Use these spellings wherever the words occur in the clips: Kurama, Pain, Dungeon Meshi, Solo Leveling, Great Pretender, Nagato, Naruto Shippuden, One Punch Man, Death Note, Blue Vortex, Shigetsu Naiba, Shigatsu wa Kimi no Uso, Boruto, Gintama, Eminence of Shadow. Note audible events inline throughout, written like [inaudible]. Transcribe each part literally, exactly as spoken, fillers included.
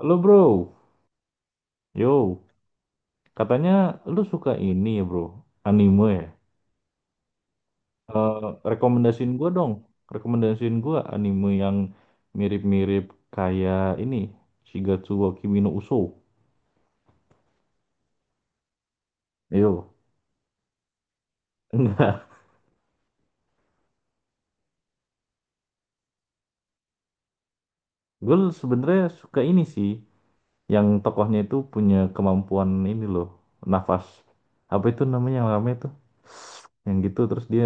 Halo bro, yo, katanya lu suka ini ya bro, anime ya? Eh Rekomendasiin gua dong, rekomendasiin gua anime yang mirip-mirip kayak ini, Shigatsu wa Kimi no Uso. Yo, [laughs] enggak, gue sebenarnya suka ini sih, yang tokohnya itu punya kemampuan ini loh, nafas. Apa itu namanya yang rame tuh? Yang gitu terus dia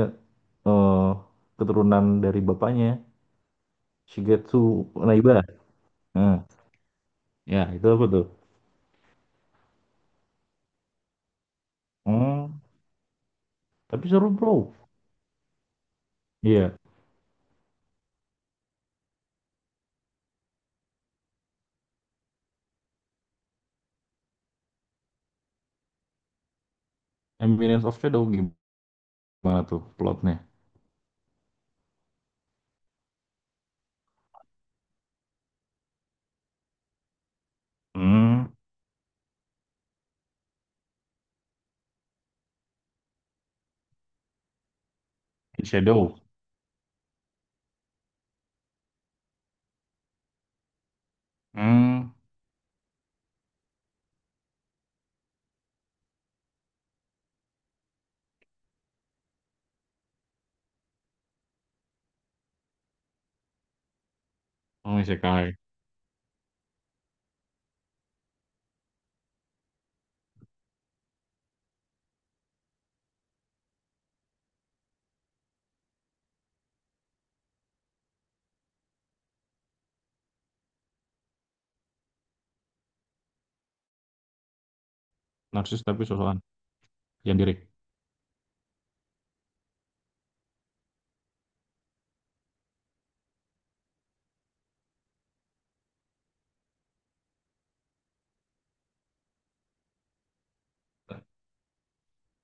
eh keturunan dari bapaknya, Shigetsu Naiba. Nah, ya itu apa tuh? Oh, tapi seru bro. Iya, Eminence of Shadow gimana tuh plotnya? Hmm, Shadow. Hmm, oh isekai. Narsis tapi sosokan. Yang dirik.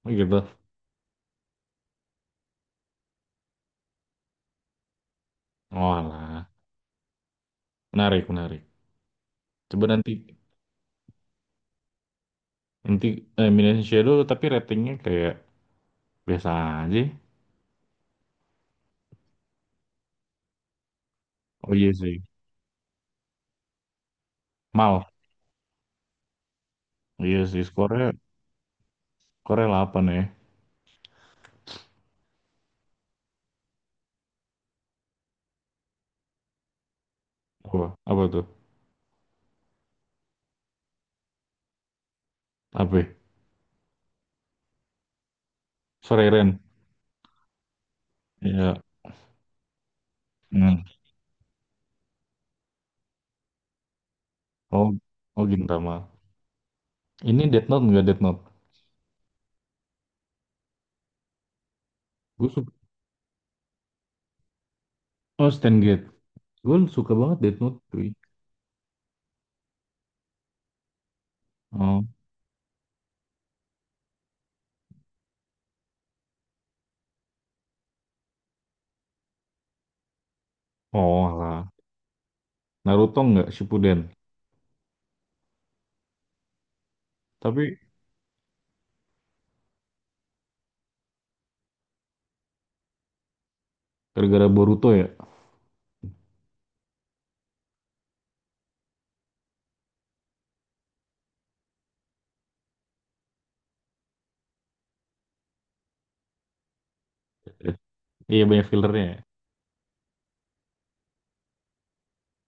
Oh, gitu. Oh lah, menarik, menarik. Coba nanti, nanti Eminence of Shadow, tapi ratingnya kayak biasa aja. Oh iya sih, mal. Iya sih, skornya, skornya delapan ya. Apa, apa tuh? Apa? Soreren. Iya. Hmm. Oh, oh Gintama. Ini Death Note nggak Death Note? Gue. Oh, Stand Gate. Gue suka banget Death Note, cuy. Oh, oh lah. Naruto nggak Shippuden. Tapi gara-gara Boruto ya. Iya banyak fillernya ya.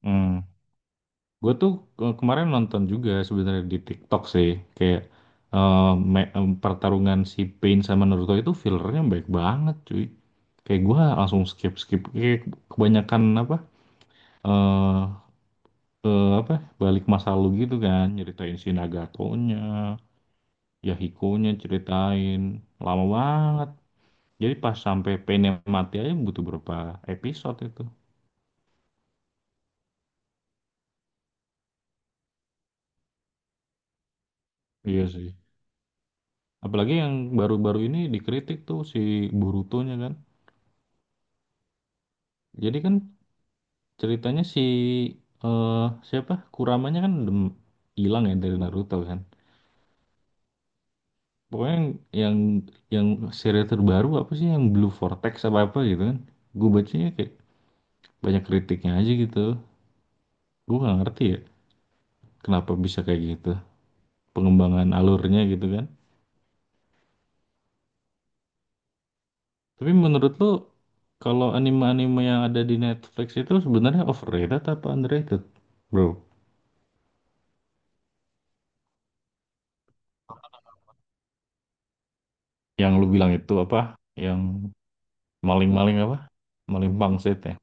Hmm. Gue tuh ke- kemarin nonton juga sebenarnya di TikTok sih. Kayak eh, me- em, pertarungan si Pain sama Naruto itu fillernya baik banget, cuy. Kayak gue langsung skip skip. Kayak kebanyakan apa? eh eh, apa? Balik masa lalu gitu kan. Nyeritain si Nagatonya. Ya Hikonya ceritain lama banget, jadi pas sampai Pain yang mati aja butuh berapa episode itu. Iya sih. Apalagi yang baru-baru ini dikritik tuh si Borutonya kan. Jadi kan, ceritanya si eh siapa Kuramanya kan dem hilang ya dari Naruto kan. Pokoknya yang yang, yang seri terbaru apa sih, yang Blue Vortex apa apa gitu kan. Gue bacanya kayak banyak kritiknya aja gitu. Gue nggak ngerti ya kenapa bisa kayak gitu, pengembangan alurnya gitu kan. Tapi menurut lo, kalau anime-anime yang ada di Netflix itu sebenarnya overrated apa underrated, bro? Yang lu bilang itu apa? Yang maling-maling apa? Maling pangsit ya?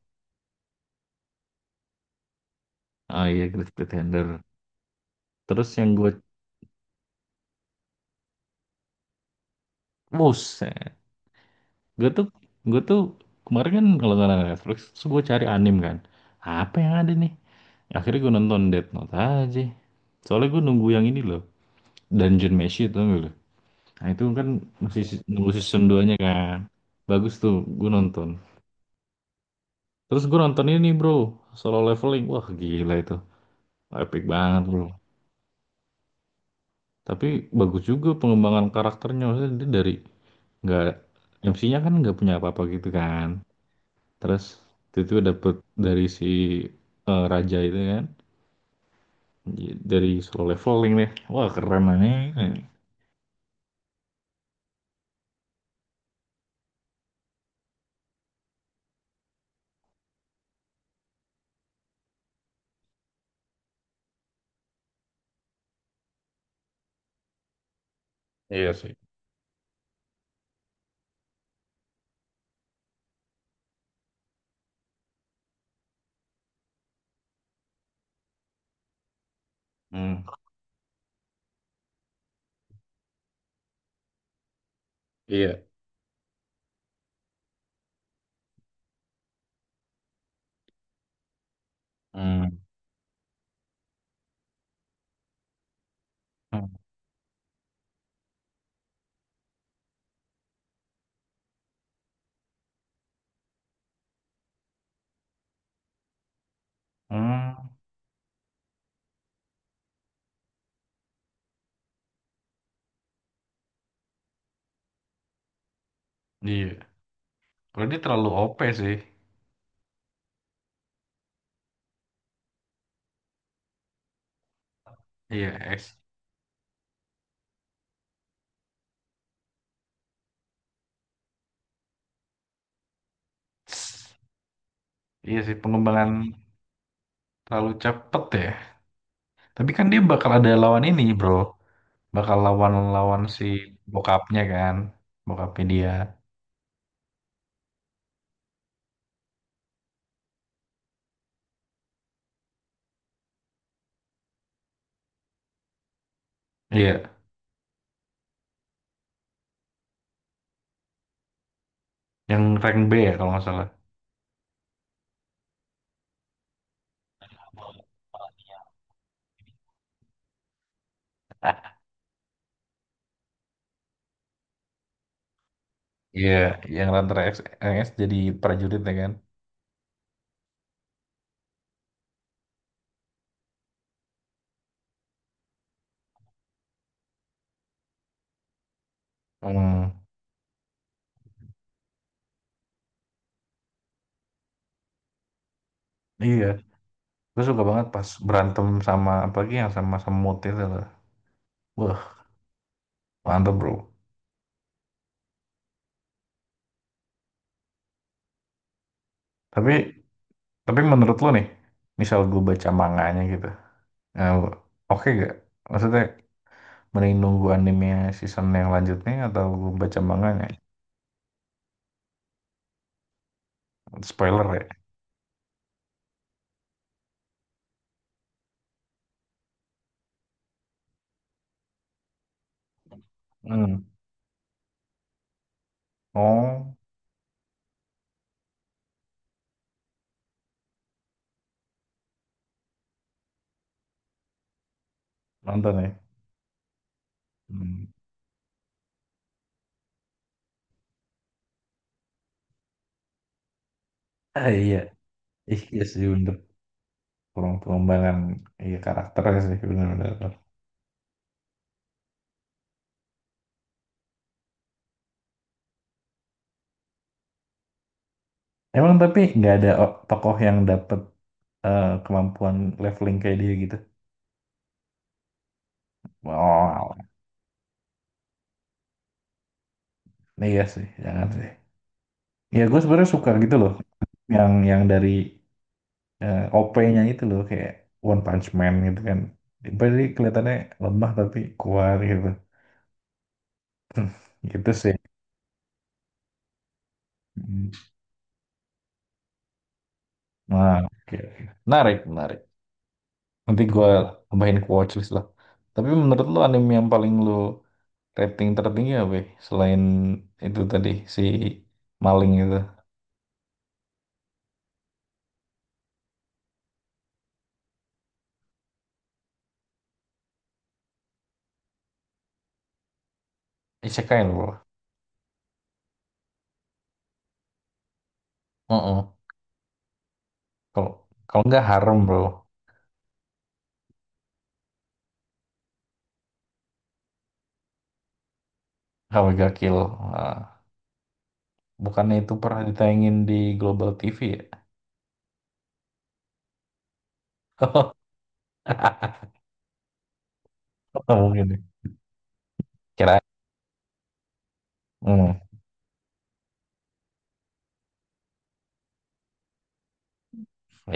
Ah iya, Great Pretender. Terus yang gue, buset. Gue tuh, gue tuh kemarin kan kalau nggak ada Netflix, terus gue cari anime kan. Apa yang ada nih? Akhirnya gue nonton Death Note aja. Soalnya gue nunggu yang ini loh, Dungeon Meshi itu. Nah itu kan masih se- nunggu season duanya kan. Bagus tuh, gue nonton. Terus gue nonton ini bro, solo leveling. Wah gila itu, epic banget bro. Tapi bagus juga pengembangan karakternya. Maksudnya dia dari nggak, M C-nya kan nggak punya apa-apa gitu kan. Terus itu dapet dari si eh, raja itu kan, dari solo leveling deh. Wah keren nih. Iya sih. Hmm. Iya. Hmm. Hmm. Hmm. Iya. Kalau dia terlalu O P sih. Iya, ex- iya sih pengembangan terlalu cepet ya. Tapi kan dia bakal ada lawan ini, bro. Bakal lawan-lawan si bokapnya kan, bokapnya dia. Iya, yang rank B ya kalau nggak salah. Iya, yang Ranter X, Rank X jadi prajurit ya kan. Hmm, iya. Gue suka banget pas berantem, sama apalagi yang sama semut itu loh. Wah, mantep bro. Tapi tapi menurut lo nih, misal gue baca manganya gitu, eh, oke gak? Maksudnya, mending nunggu anime season yang lanjutnya atau baca manganya? Spoiler ya? Hmm. Oh, nonton ya? Hmm. Ah iya, ih iya sih bener. Kurang pengembangan, iya karakternya sih benar-benar. Emang tapi nggak ada o- tokoh yang dapet eh, kemampuan leveling kayak dia gitu. Wow, iya sih, jangan sih. Ya gue sebenarnya suka gitu loh, yang yang dari O P-nya itu loh kayak One Punch Man gitu kan. Dia pasti kelihatannya lemah tapi kuat gitu. Gitu sih. Hmm. Nah, oke. Oke. Menarik, menarik. Nanti gue tambahin ke watchlist lah. Tapi menurut lo anime yang paling lo rating tertinggi apa ya? Selain itu tadi si maling itu. Isekai lo. Heeh. Kalau kalau nggak harem bro. Kalau nggak kill. Ah, bukannya itu pernah ditayangin di Global T V ya? [laughs] Mungkin ya. Kira. Hmm.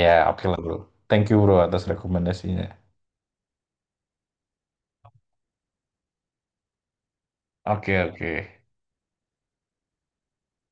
Ya, oke lah bro. Thank you bro atas rekomendasinya. Oke, oke.